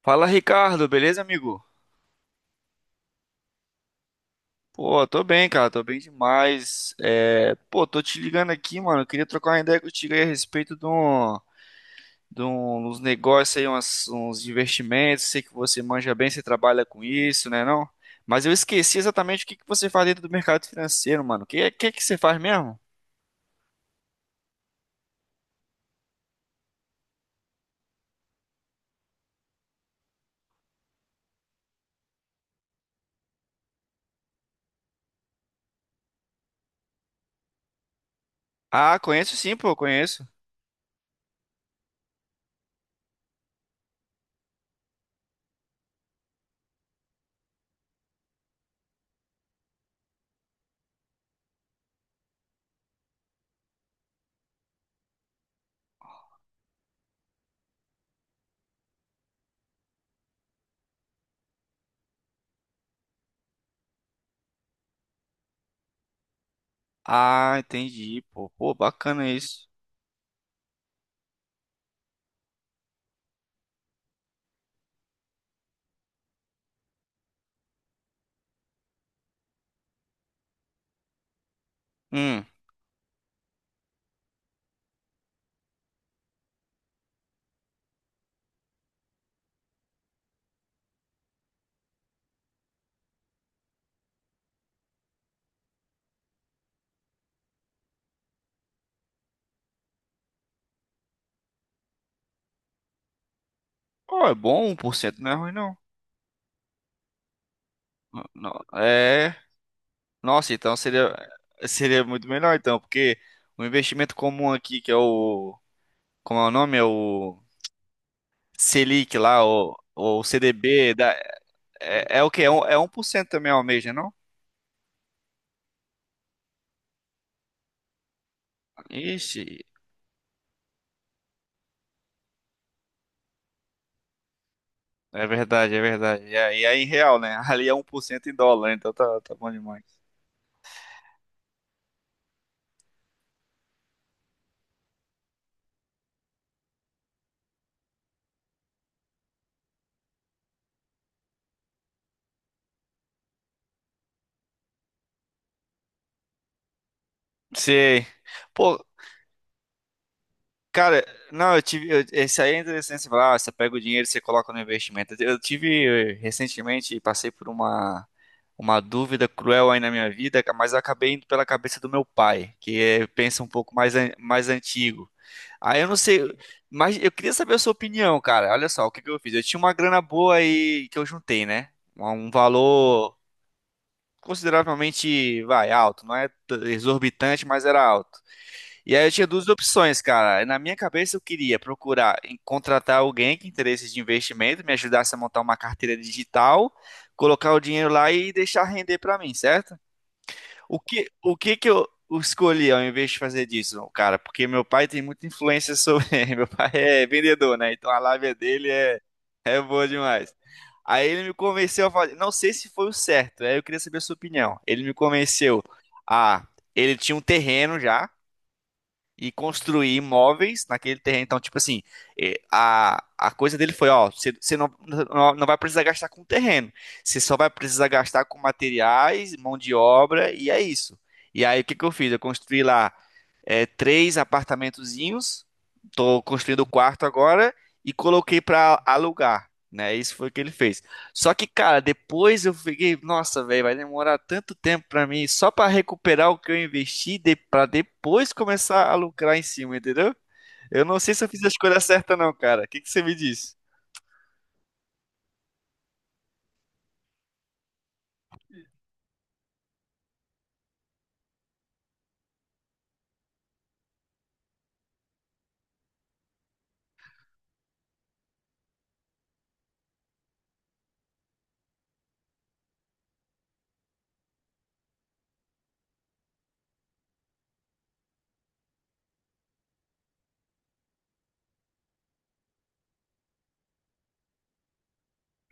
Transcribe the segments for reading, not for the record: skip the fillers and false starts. Fala, Ricardo, beleza, amigo? Pô, tô bem, cara, tô bem demais. Tô te ligando aqui, mano. Eu queria trocar uma ideia contigo aí a respeito de uns negócios aí, uns investimentos. Sei que você manja bem, você trabalha com isso, né, não? Mas eu esqueci exatamente o que que você faz dentro do mercado financeiro, mano. O que que você faz mesmo? Ah, conheço sim, pô, conheço. Ah, entendi, pô. Pô, bacana isso. Hum. Pô, é bom, 1% não é ruim, não. Não, não. É. Nossa, então seria muito melhor então, porque o investimento comum aqui, como é o nome? É o Selic lá, o CDB, da, é, é o quê? É 1% também ao mês, né, não? Ixi, é verdade, é verdade. E aí é, em real, né? Ali é um por cento em dólar, então tá, tá bom demais. Sei. Pô, Cara, não, esse aí é interessante você falar, ah, você pega o dinheiro e você coloca no investimento. Eu tive recentemente, e passei por uma dúvida cruel aí na minha vida, mas eu acabei indo pela cabeça do meu pai, que é, pensa um pouco mais, mais antigo. Aí eu não sei, mas eu queria saber a sua opinião, cara. Olha só, o que que eu fiz? Eu tinha uma grana boa aí que eu juntei, né? Um valor consideravelmente, vai, alto, não é exorbitante, mas era alto. E aí eu tinha duas opções, cara. Na minha cabeça eu queria procurar contratar alguém que interesse de investimento, me ajudasse a montar uma carteira digital, colocar o dinheiro lá e deixar render pra mim, certo? O o que que eu escolhi ao invés de fazer disso, cara? Porque meu pai tem muita influência sobre. Meu pai é vendedor, né? Então a lábia dele é boa demais. Aí ele me convenceu a fazer. Não sei se foi o certo, aí eu queria saber a sua opinião. Ele me convenceu a. Ele tinha um terreno já e construir imóveis naquele terreno. Então, tipo assim, a coisa dele foi, ó, você não não vai precisar gastar com terreno. Você só vai precisar gastar com materiais, mão de obra, e é isso. E aí, o que que eu fiz? Eu construí lá é, três apartamentozinhos. Tô construindo o quarto agora e coloquei pra alugar, né? Isso foi o que ele fez. Só que, cara, depois eu fiquei, nossa, velho, vai demorar tanto tempo pra mim só pra recuperar o que eu investi de, pra depois começar a lucrar em cima, entendeu? Eu não sei se eu fiz a escolha certa, não, cara. O que que você me diz?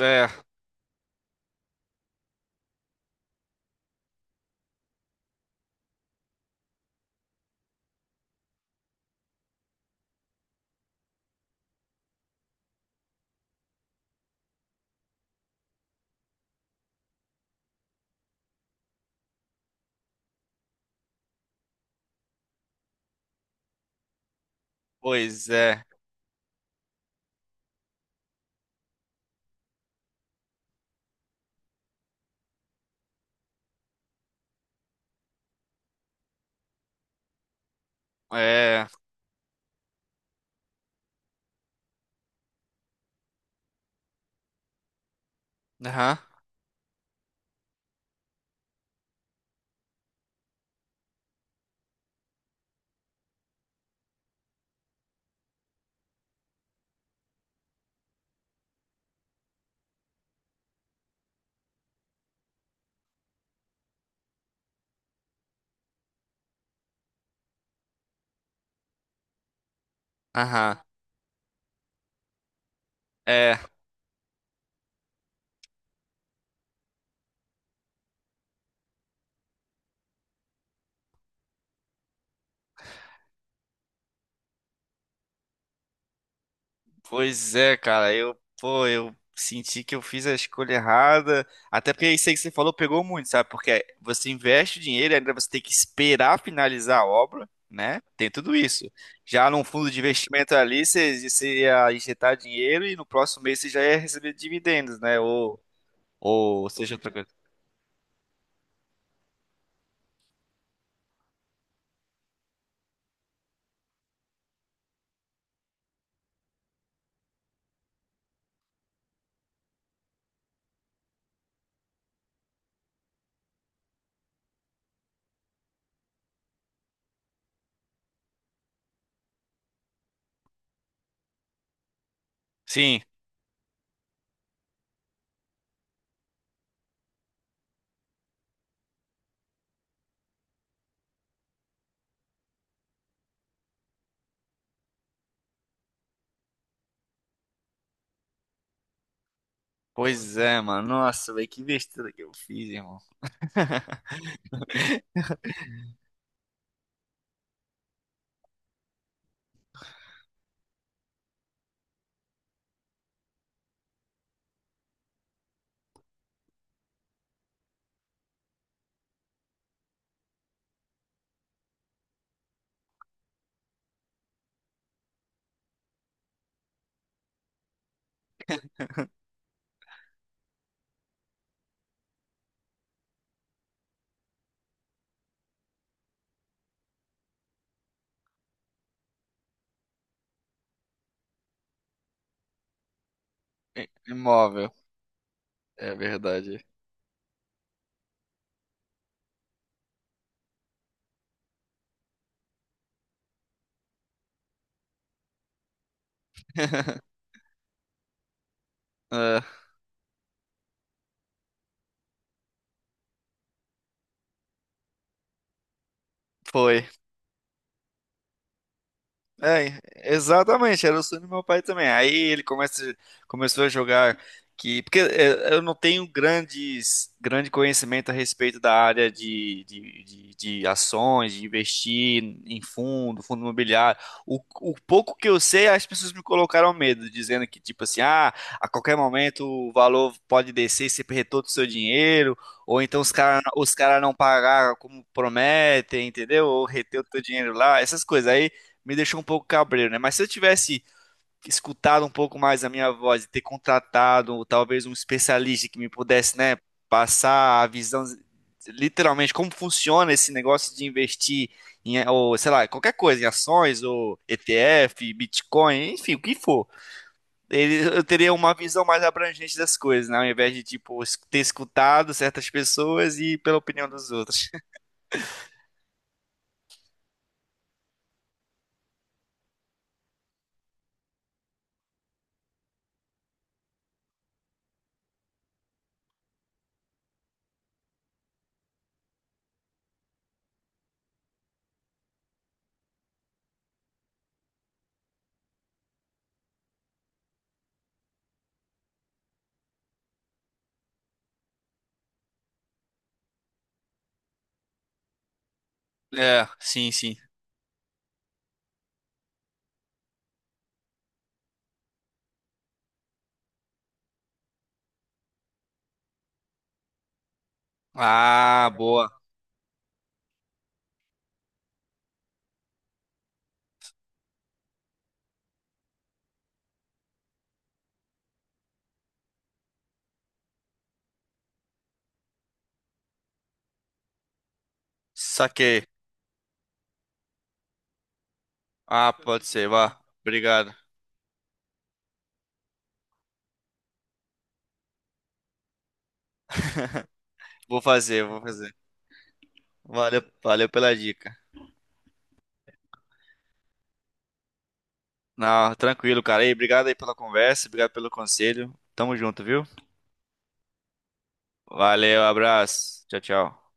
É, pois é. É. Aham, aham. É. Pois é, cara, eu, pô, eu senti que eu fiz a escolha errada. Até porque isso aí que você falou pegou muito, sabe? Porque você investe o dinheiro, e ainda você tem que esperar finalizar a obra, né? Tem tudo isso. Já num fundo de investimento ali, você ia injetar dinheiro e no próximo mês você já ia receber dividendos, né? Ou seja outra coisa. Sim, pois é, mano. Nossa, velho, que besteira que eu fiz, irmão. Imóvel, é verdade. É, foi. É, exatamente, era o sonho do meu pai também. Aí ele começa, começou a jogar que, porque é, eu não tenho grandes, grande conhecimento a respeito da área de ações, de investir em fundo, fundo imobiliário. O pouco que eu sei, as pessoas me colocaram medo, dizendo que, tipo assim, ah, a qualquer momento o valor pode descer e você perder todo o seu dinheiro, ou então os cara não pagaram como prometem, entendeu? Ou reter o teu dinheiro lá, essas coisas. Aí me deixou um pouco cabreiro, né? Mas se eu tivesse escutado um pouco mais a minha voz e ter contratado talvez um especialista que me pudesse, né, passar a visão literalmente como funciona esse negócio de investir em, ou sei lá, qualquer coisa, em ações, ou ETF, Bitcoin, enfim, o que for. Eu teria uma visão mais abrangente das coisas, né? Ao invés de, tipo, ter escutado certas pessoas e pela opinião dos outros. É, sim, sim. Ah, boa. Saquei. Ah, pode ser, vá. Obrigado. Vou fazer, vou fazer. Valeu, valeu pela dica. Não, tranquilo, cara. E obrigado aí pela conversa, obrigado pelo conselho. Tamo junto, viu? Valeu, abraço. Tchau, tchau.